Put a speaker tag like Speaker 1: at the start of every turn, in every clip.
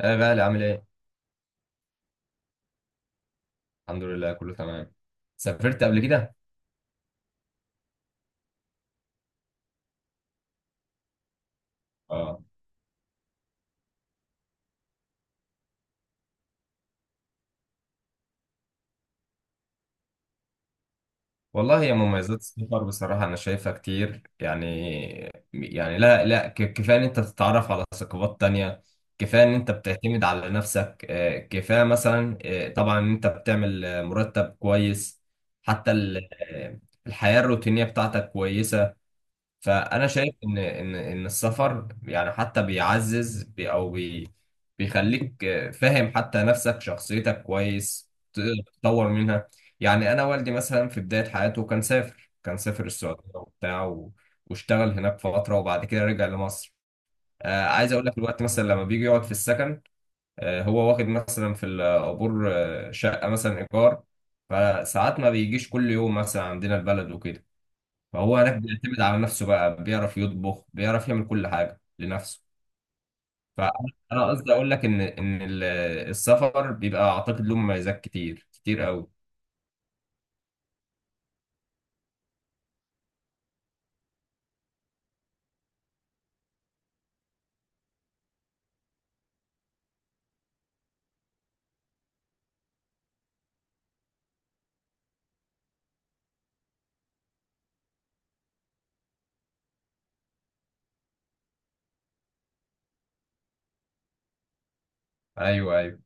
Speaker 1: يا غالي، عامل ايه؟ الحمد لله كله تمام. سافرت قبل كده؟ اه والله، يا مميزات السفر بصراحة أنا شايفها كتير يعني. يعني لا، لا، كفاية إن أنت تتعرف على ثقافات تانية، كفاية إن أنت بتعتمد على نفسك، كفاية مثلا، طبعا إن أنت بتعمل مرتب كويس، حتى الحياة الروتينية بتاعتك كويسة، فانا شايف ان السفر يعني حتى بيعزز بي او بي بيخليك فاهم حتى نفسك شخصيتك كويس، تقدر تطور منها. يعني انا والدي مثلا في بدايه حياته، كان سافر السعوديه وبتاع واشتغل هناك فتره، وبعد كده رجع لمصر. عايز اقول لك، الوقت مثلا لما بيجي يقعد في السكن، هو واخد مثلا في العبور شقه مثلا ايجار، فساعات ما بيجيش كل يوم مثلا عندنا البلد وكده، فهو هناك بيعتمد على نفسه بقى، بيعرف يطبخ، بيعرف يعمل كل حاجة لنفسه. فأنا أنا قصدي أقول لك إن السفر بيبقى أعتقد له مميزات كتير كتير قوي. أيوه، أيوه.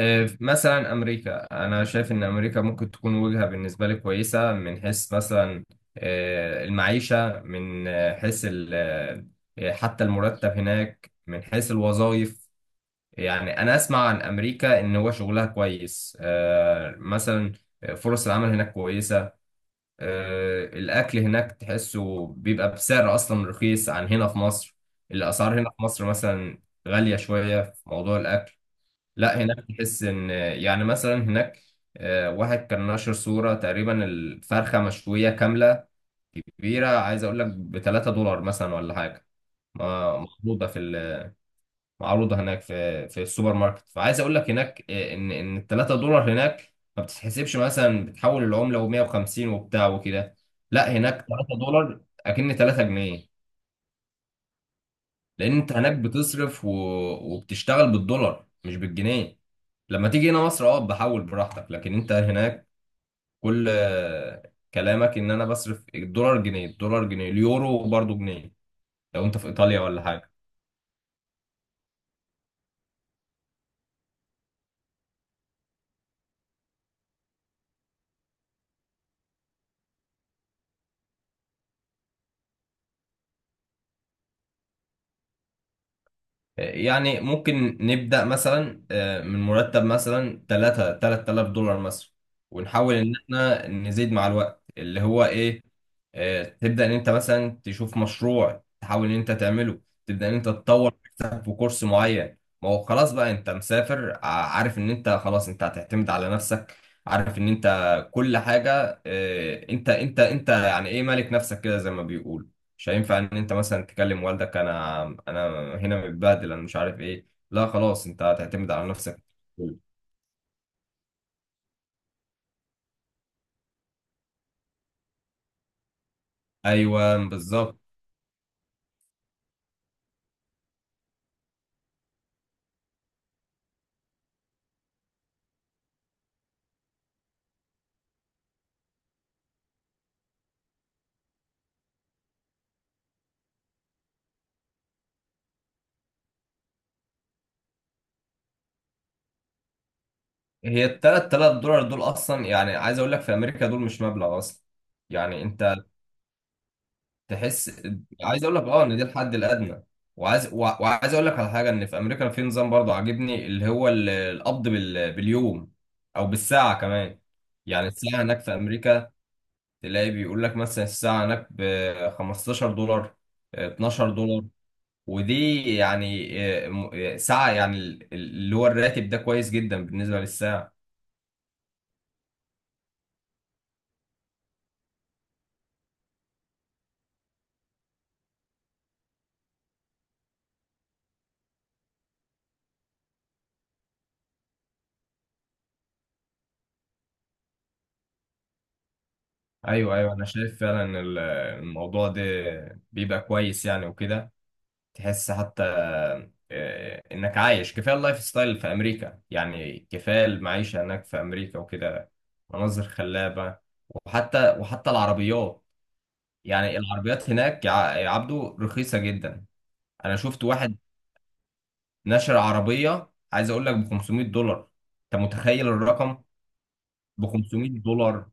Speaker 1: مثلا أمريكا، أنا شايف إن أمريكا ممكن تكون وجهة بالنسبة لي كويسة، من حيث مثلا المعيشة، من آه، حيث ال- آه، حتى المرتب هناك، من حيث الوظائف. يعني انا اسمع عن امريكا ان هو شغلها كويس، مثلا فرص العمل هناك كويسة. الاكل هناك تحسه بيبقى بسعر اصلا رخيص عن هنا في مصر. الاسعار هنا في مصر مثلا غالية شوية في موضوع الاكل. لا هناك تحس ان يعني مثلا هناك، واحد كان نشر صورة تقريبا الفرخة مشوية كاملة كبيرة، عايز اقول لك ب 3 دولار مثلا ولا حاجة، ما- محطوطة في معروضة هناك في السوبر ماركت. فعايز اقول لك هناك ان ال 3 دولار هناك ما بتتحسبش، مثلا بتحول العملة و150 وبتاع وكده. لا هناك 3 دولار اكن 3 جنيه. لان انت هناك بتصرف وبتشتغل بالدولار مش بالجنيه. لما تيجي هنا مصر بحول براحتك، لكن انت هناك كل كلامك ان انا بصرف الدولار جنيه، الدولار جنيه، اليورو برضو جنيه، لو انت في ايطاليا ولا حاجة. يعني ممكن نبدأ مثلا من مرتب مثلا، 3 3000 دولار مثلا، ونحاول ان احنا نزيد مع الوقت اللي هو ايه، تبدأ ان انت مثلا تشوف مشروع تحاول ان انت تعمله، تبدأ ان انت تطور نفسك في كورس معين. ما هو خلاص بقى، انت مسافر، عارف ان انت خلاص انت هتعتمد على نفسك، عارف ان انت كل حاجة، انت يعني ايه، مالك نفسك كده زي ما بيقولوا. مش هينفع ان انت مثلا تكلم والدك، انا هنا متبهدل، انا مش عارف ايه. لا خلاص انت هتعتمد على نفسك. ايوه بالظبط. هي التلات تلات دولار دول اصلا، يعني عايز اقول لك في امريكا دول مش مبلغ اصلا، يعني انت تحس. عايز اقول لك ان دي الحد الادنى، وعايز اقول لك على حاجه، ان في امريكا في نظام برضه عاجبني، اللي هو القبض باليوم او بالساعه كمان. يعني الساعه هناك في امريكا، تلاقي بيقول لك مثلا الساعة هناك ب 15 دولار، 12 دولار. ودي يعني ساعة، يعني اللي هو الراتب ده كويس جدا بالنسبة للساعة. أيوه، أيوه. أنا شايف فعلا الموضوع ده بيبقى كويس يعني وكده. تحس حتى إنك عايش، كفاية اللايف ستايل في أمريكا يعني، كفاية المعيشة هناك في أمريكا وكده. مناظر خلابة. وحتى العربيات، يعني العربيات هناك، يا عبدو رخيصة جدا. انا شفت واحد نشر عربيه، عايز اقول لك ب 500 دولار. انت متخيل الرقم؟ ب 500 دولار.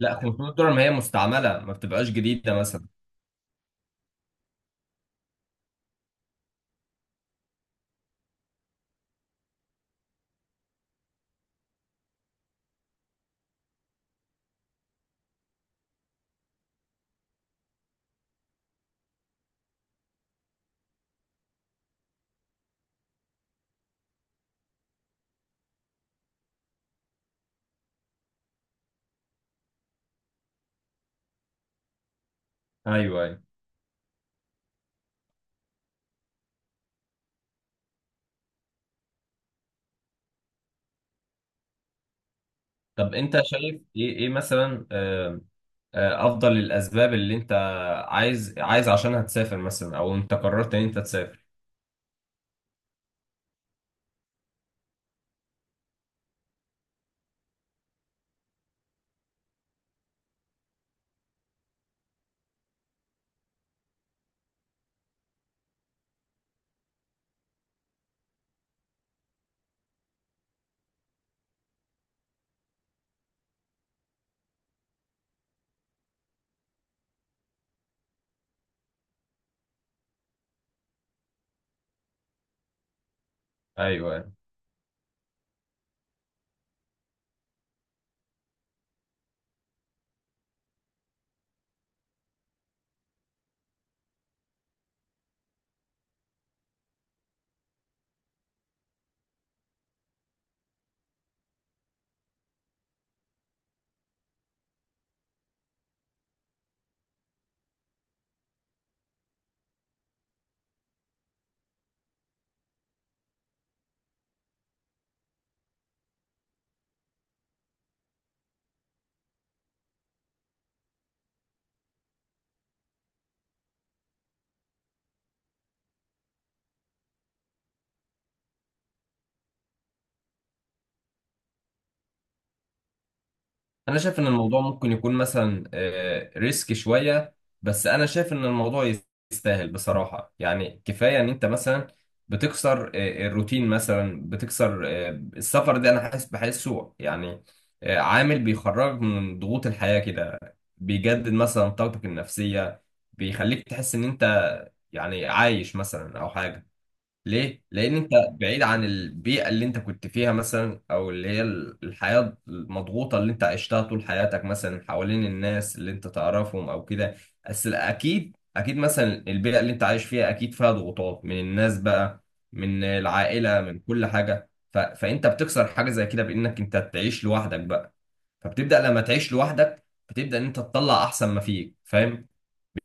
Speaker 1: لا 500 دولار ما هي مستعمله، ما بتبقاش جديده مثلا. ايوه، ايوه. طب انت شايف ايه مثلا، افضل الاسباب اللي انت عايز عشانها تسافر مثلا، او انت قررت ان انت تسافر. ايوه. انا شايف ان الموضوع ممكن يكون مثلا ريسك شويه، بس انا شايف ان الموضوع يستاهل بصراحه. يعني كفايه ان انت مثلا بتكسر الروتين مثلا، بتكسر السفر ده انا حاسس بحسه يعني عامل بيخرجك من ضغوط الحياه كده، بيجدد مثلا طاقتك النفسيه، بيخليك تحس ان انت يعني عايش مثلا او حاجه. ليه؟ لأن أنت بعيد عن البيئة اللي أنت كنت فيها مثلا، أو اللي هي الحياة المضغوطة اللي أنت عشتها طول حياتك مثلا، حوالين الناس اللي أنت تعرفهم أو كده. بس أكيد، أكيد مثلا البيئة اللي أنت عايش فيها أكيد فيها ضغوطات من الناس بقى، من العائلة، من كل حاجة فأنت بتكسر حاجة زي كده، بإنك أنت تعيش لوحدك بقى. فبتبدأ لما تعيش لوحدك، بتبدأ إن أنت تطلع أحسن ما فيك، فاهم؟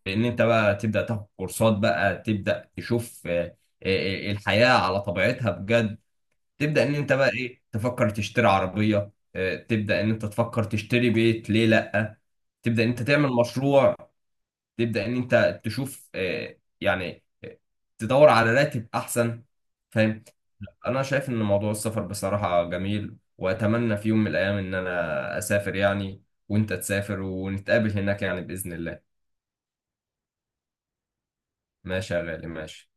Speaker 1: ان انت بقى تبدا تاخد كورسات، بقى تبدا تشوف الحياه على طبيعتها بجد. تبدا ان انت بقى ايه، تفكر تشتري عربيه، تبدا ان انت تفكر تشتري بيت، ليه لا. تبدا ان انت تعمل مشروع. تبدا ان انت تشوف يعني تدور على راتب احسن، فاهم. انا شايف ان موضوع السفر بصراحه جميل، واتمنى في يوم من الايام ان انا اسافر يعني، وانت تسافر ونتقابل هناك يعني باذن الله. ماشي يا غالي، ماشي.